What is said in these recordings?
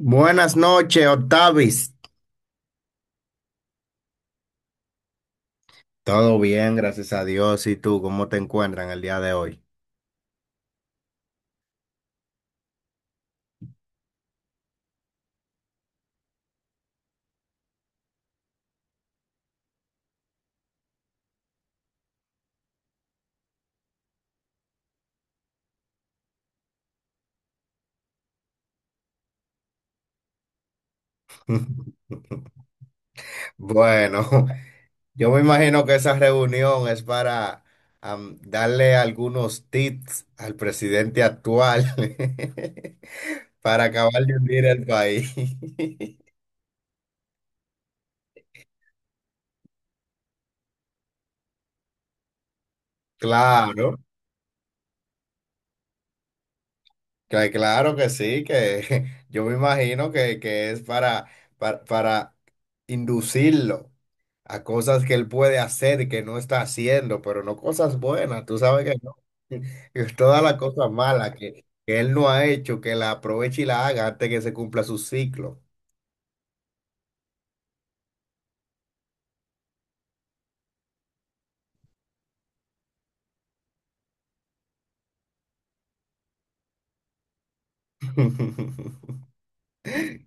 Buenas noches, Octavis. Todo bien, gracias a Dios. ¿Y tú cómo te encuentran el día de hoy? Bueno, yo me imagino que esa reunión es para darle algunos tips al presidente actual para acabar de hundir el país. Claro, claro que sí, que yo me imagino que es para inducirlo a cosas que él puede hacer que no está haciendo, pero no cosas buenas, tú sabes que no. Que todas las cosas malas que él no ha hecho, que la aproveche y la haga antes que se cumpla su ciclo.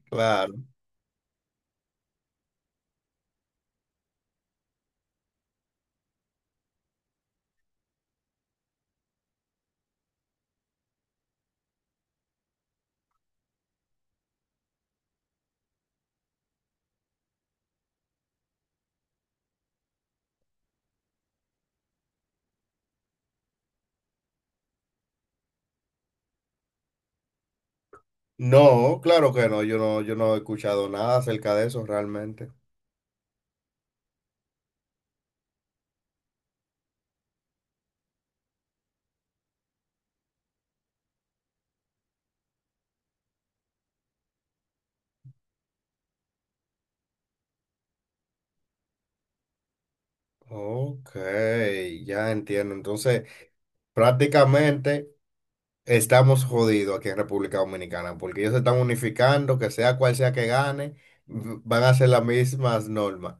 Claro. No, claro que no, yo no he escuchado nada acerca de eso realmente. Ok, ya entiendo. Entonces, prácticamente, estamos jodidos aquí en República Dominicana porque ellos se están unificando, que sea cual sea que gane, van a ser las mismas normas.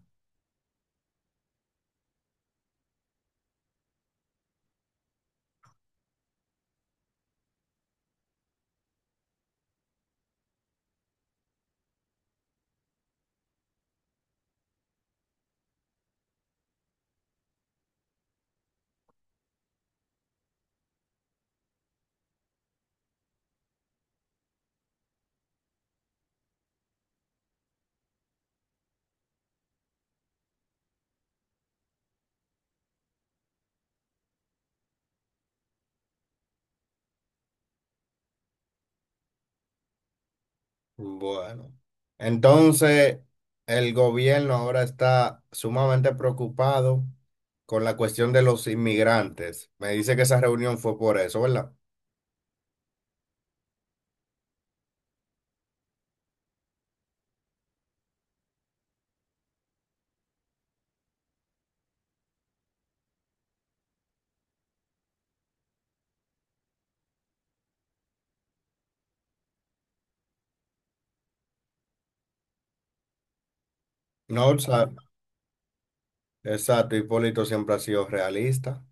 Bueno, entonces el gobierno ahora está sumamente preocupado con la cuestión de los inmigrantes. Me dice que esa reunión fue por eso, ¿verdad? No, o sea, exacto, Hipólito siempre ha sido realista.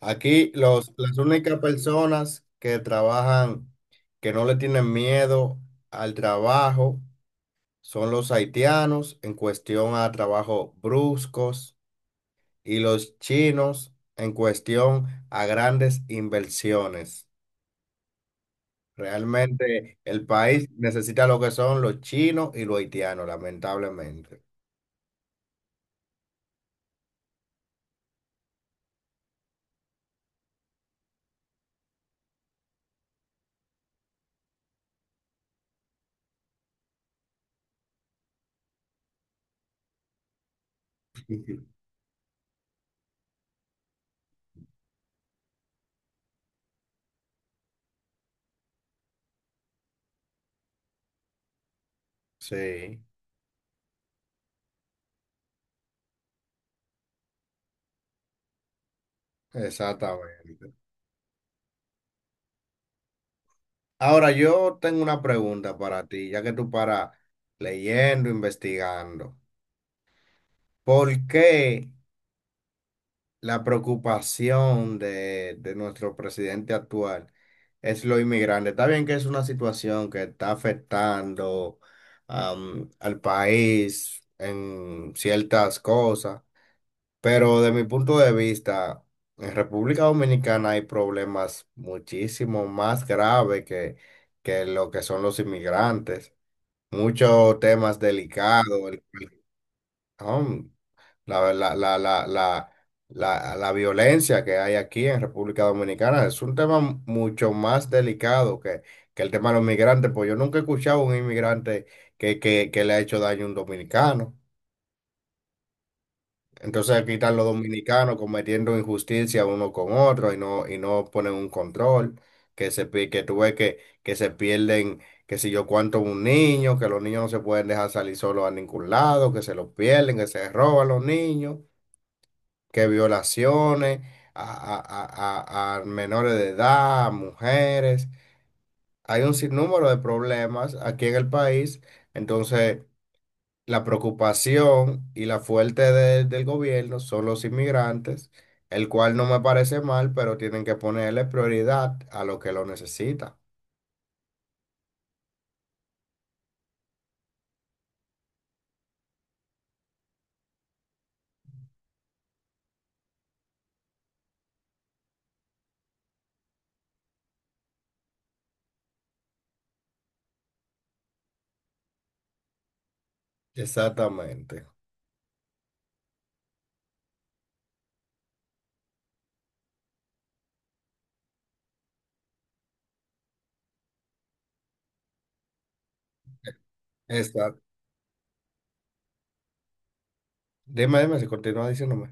Aquí los, las únicas personas que trabajan, que no le tienen miedo al trabajo, son los haitianos en cuestión a trabajos bruscos y los chinos en cuestión a grandes inversiones. Realmente el país necesita lo que son los chinos y los haitianos, lamentablemente. Sí, exactamente. Ahora yo tengo una pregunta para ti, ya que tú paras leyendo, investigando. ¿Por qué la preocupación de nuestro presidente actual es lo inmigrante? Está bien que es una situación que está afectando al país en ciertas cosas, pero de mi punto de vista, en República Dominicana hay problemas muchísimo más graves que lo que son los inmigrantes. Muchos temas delicados, um, la, la, la, la, la, la violencia que hay aquí en República Dominicana. Es un tema mucho más delicado que el tema de los migrantes, pues yo nunca he escuchado a un inmigrante que le ha hecho daño a un dominicano. Entonces aquí están los dominicanos cometiendo injusticia uno con otro y no ponen un control, que se, que tú ves que se pierden, que si yo cuánto un niño, que los niños no se pueden dejar salir solos a ningún lado, que se los pierden, que se roban los niños, que violaciones a, a menores de edad, a mujeres. Hay un sinnúmero de problemas aquí en el país. Entonces, la preocupación y la fuerte del gobierno son los inmigrantes, el cual no me parece mal, pero tienen que ponerle prioridad a lo que lo necesita. Exactamente. Exacto. Dime, dime si continúa diciéndome.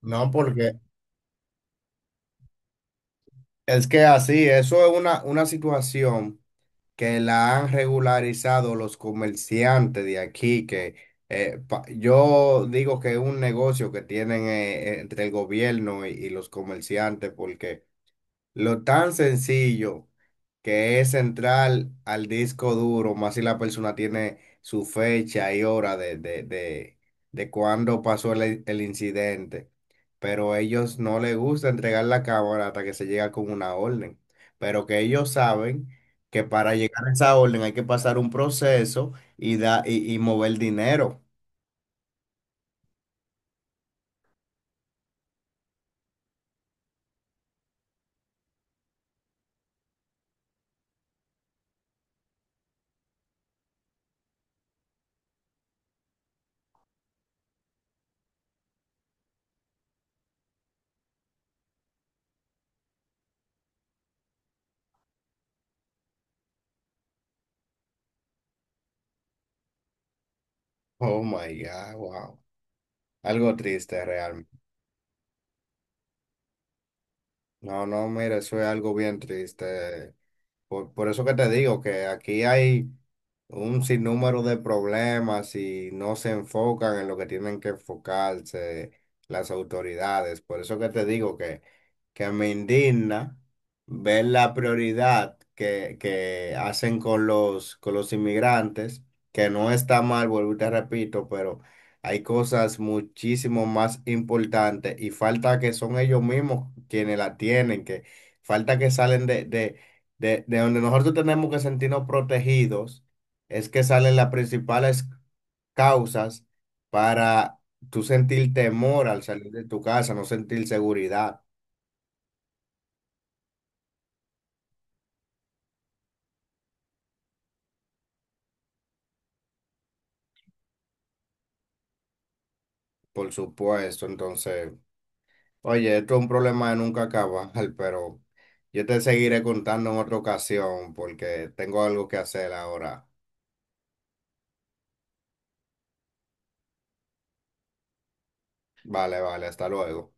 No, porque es que así, eso es una situación que la han regularizado los comerciantes de aquí, que yo digo que es un negocio que tienen, entre el gobierno y los comerciantes, porque lo tan sencillo que es entrar al disco duro, más si la persona tiene su fecha y hora de cuándo pasó el incidente. Pero ellos no les gusta entregar la cámara hasta que se llega con una orden. Pero que ellos saben que para llegar a esa orden hay que pasar un proceso y, da, y mover dinero. Oh my God, wow. Algo triste realmente. No, no, mira, eso es algo bien triste. Por eso que te digo que aquí hay un sinnúmero de problemas y no se enfocan en lo que tienen que enfocarse las autoridades. Por eso que te digo que me indigna ver la prioridad que hacen con los inmigrantes, que no está mal, vuelvo y te repito, pero hay cosas muchísimo más importantes y falta que son ellos mismos quienes la tienen, que falta que salen de, de donde nosotros tenemos que sentirnos protegidos, es que salen las principales causas para tú sentir temor al salir de tu casa, no sentir seguridad, por supuesto. Entonces, oye, esto es un problema de nunca acabar, pero yo te seguiré contando en otra ocasión porque tengo algo que hacer ahora. Vale, vale, hasta luego.